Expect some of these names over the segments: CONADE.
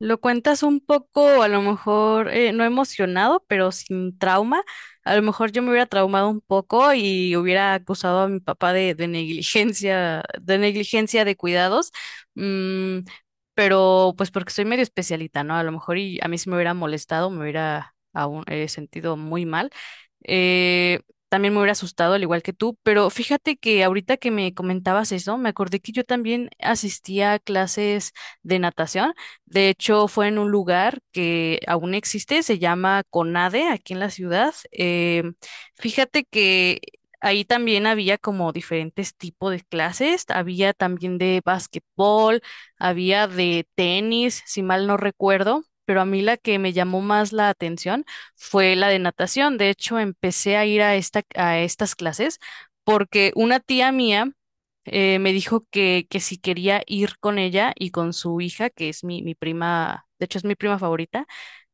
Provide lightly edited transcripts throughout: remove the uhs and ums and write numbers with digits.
Lo cuentas un poco, a lo mejor, no emocionado, pero sin trauma. A lo mejor yo me hubiera traumado un poco y hubiera acusado a mi papá de negligencia, de negligencia de cuidados. Mm, pero pues porque soy medio especialita, ¿no? A lo mejor y a mí sí me hubiera molestado, me hubiera aún, sentido muy mal. Eh, También me hubiera asustado, al igual que tú, pero fíjate que ahorita que me comentabas eso, me acordé que yo también asistía a clases de natación. De hecho, fue en un lugar que aún existe, se llama CONADE, aquí en la ciudad. Fíjate que ahí también había como diferentes tipos de clases, había también de básquetbol, había de tenis, si mal no recuerdo. Pero a mí la que me llamó más la atención fue la de natación. De hecho, empecé a ir a estas clases porque una tía mía me dijo que si quería ir con ella y con su hija, que es mi prima, de hecho es mi prima favorita,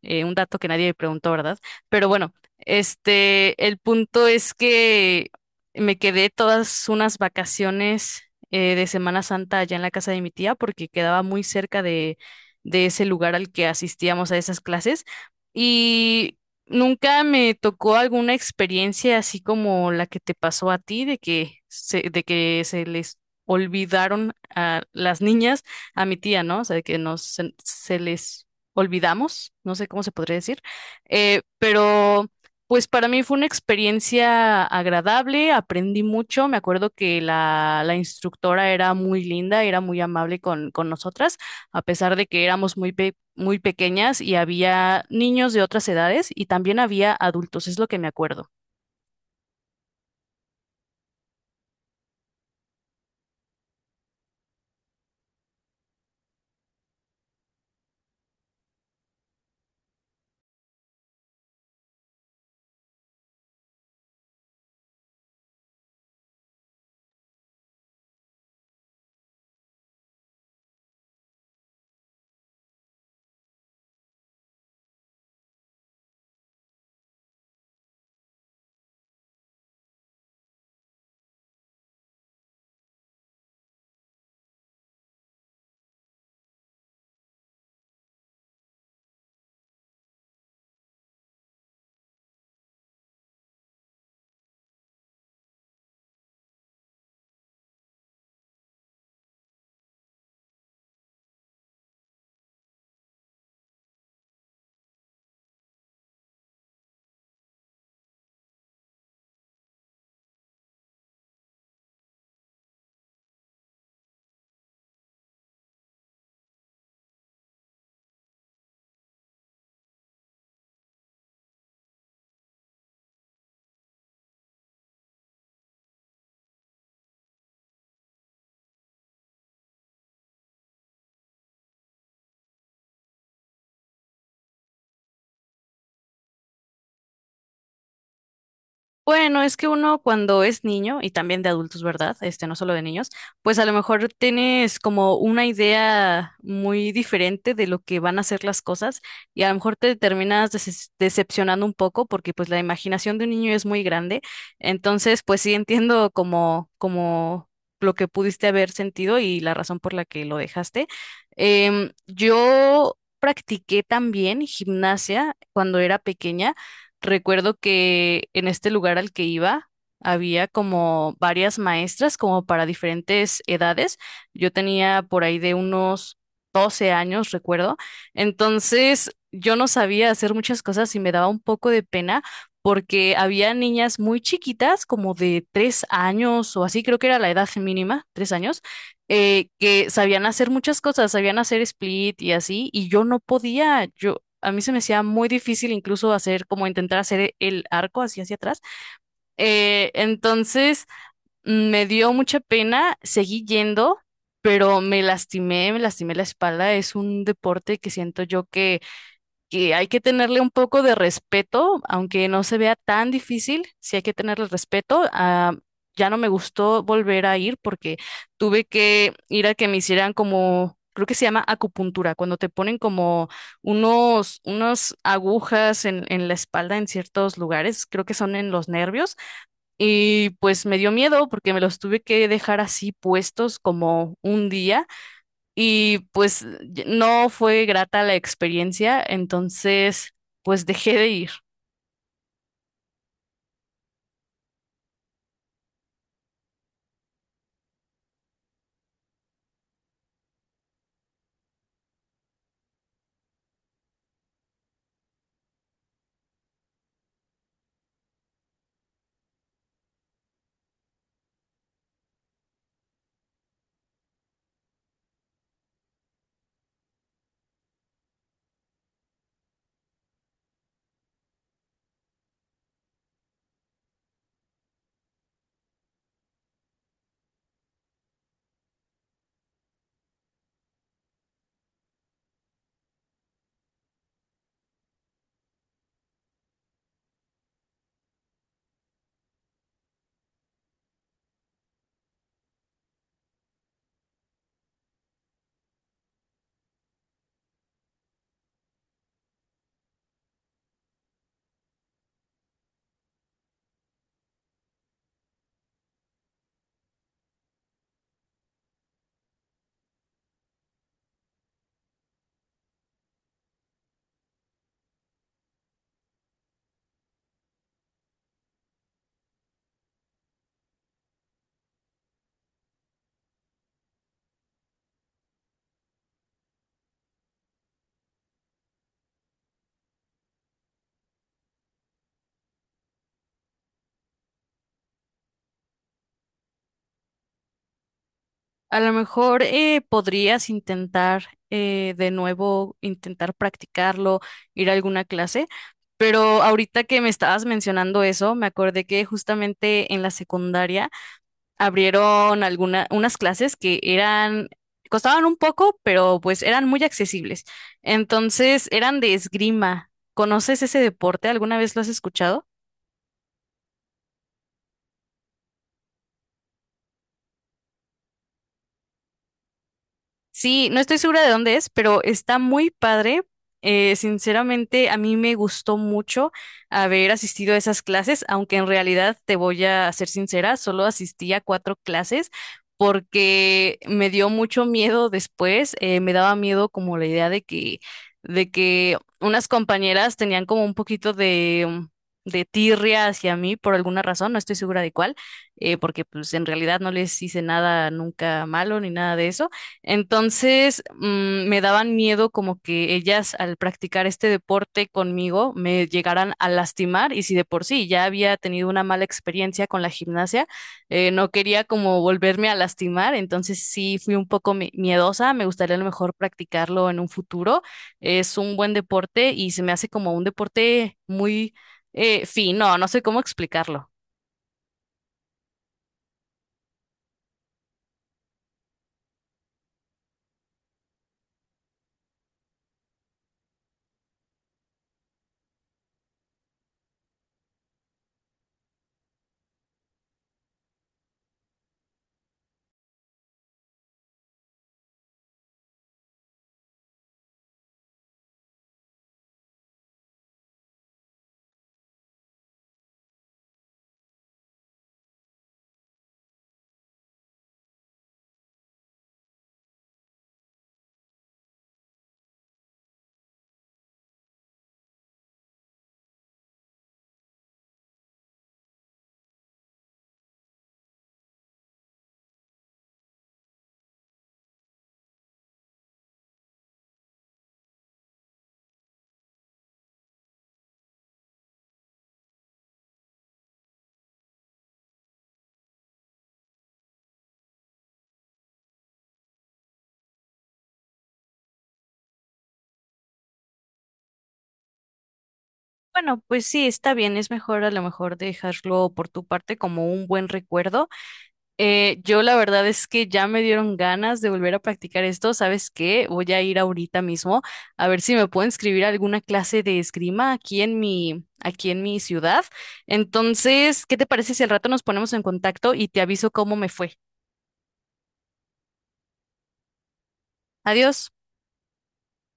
un dato que nadie me preguntó, ¿verdad? Pero bueno, este, el punto es que me quedé todas unas vacaciones de Semana Santa allá en la casa de mi tía porque quedaba muy cerca de ese lugar al que asistíamos a esas clases. Y nunca me tocó alguna experiencia así como la que te pasó a ti, de que se les olvidaron a las niñas, a mi tía, ¿no? O sea, de que nos, se les olvidamos, no sé cómo se podría decir, pero pues para mí fue una experiencia agradable, aprendí mucho, me acuerdo que la instructora era muy linda, era muy amable con nosotras, a pesar de que éramos muy, muy pequeñas y había niños de otras edades y también había adultos, es lo que me acuerdo. Bueno, es que uno cuando es niño, y también de adultos, ¿verdad? Este, no solo de niños, pues a lo mejor tienes como una idea muy diferente de lo que van a ser las cosas y a lo mejor te terminas decepcionando un poco porque pues la imaginación de un niño es muy grande. Entonces, pues sí entiendo como lo que pudiste haber sentido y la razón por la que lo dejaste. Em, yo practiqué también gimnasia cuando era pequeña. Recuerdo que en este lugar al que iba había como varias maestras como para diferentes edades. Yo tenía por ahí de unos 12 años, recuerdo. Entonces yo no sabía hacer muchas cosas y me daba un poco de pena porque había niñas muy chiquitas, como de 3 años o así, creo que era la edad mínima, 3 años, que sabían hacer muchas cosas, sabían hacer split y así, y yo no podía, yo a mí se me hacía muy difícil incluso hacer, como intentar hacer el arco así hacia atrás. Entonces me dio mucha pena, seguí yendo, pero me lastimé la espalda. Es un deporte que siento yo que hay que tenerle un poco de respeto, aunque no se vea tan difícil, sí hay que tenerle respeto. Ah, ya no me gustó volver a ir porque tuve que ir a que me hicieran como, creo que se llama acupuntura, cuando te ponen como unas agujas en la espalda en ciertos lugares, creo que son en los nervios, y pues me dio miedo porque me los tuve que dejar así puestos como un día. Y pues no fue grata la experiencia, entonces pues dejé de ir. A lo mejor podrías intentar de nuevo, intentar practicarlo, ir a alguna clase, pero ahorita que me estabas mencionando eso, me acordé que justamente en la secundaria abrieron algunas unas clases costaban un poco, pero pues eran muy accesibles. Entonces eran de esgrima. ¿Conoces ese deporte? ¿Alguna vez lo has escuchado? Sí, no estoy segura de dónde es, pero está muy padre. Sinceramente, a mí me gustó mucho haber asistido a esas clases, aunque en realidad te voy a ser sincera, solo asistí a 4 clases porque me dio mucho miedo después. Eh, me daba miedo como la idea de que unas compañeras tenían como un poquito de, de tirria hacia mí por alguna razón, no estoy segura de cuál, porque pues en realidad no les hice nada nunca malo ni nada de eso entonces, me daban miedo como que ellas al practicar este deporte conmigo me llegaran a lastimar y si de por sí ya había tenido una mala experiencia con la gimnasia, no quería como volverme a lastimar, entonces sí fui un poco miedosa, me gustaría a lo mejor practicarlo en un futuro. Es un buen deporte y se me hace como un deporte muy fino, no sé cómo explicarlo. Bueno, pues sí, está bien, es mejor a lo mejor dejarlo por tu parte como un buen recuerdo. Yo la verdad es que ya me dieron ganas de volver a practicar esto. ¿Sabes qué? Voy a ir ahorita mismo a ver si me puedo inscribir a alguna clase de esgrima aquí en mi ciudad. Entonces, ¿qué te parece si al rato nos ponemos en contacto y te aviso cómo me fue? Adiós.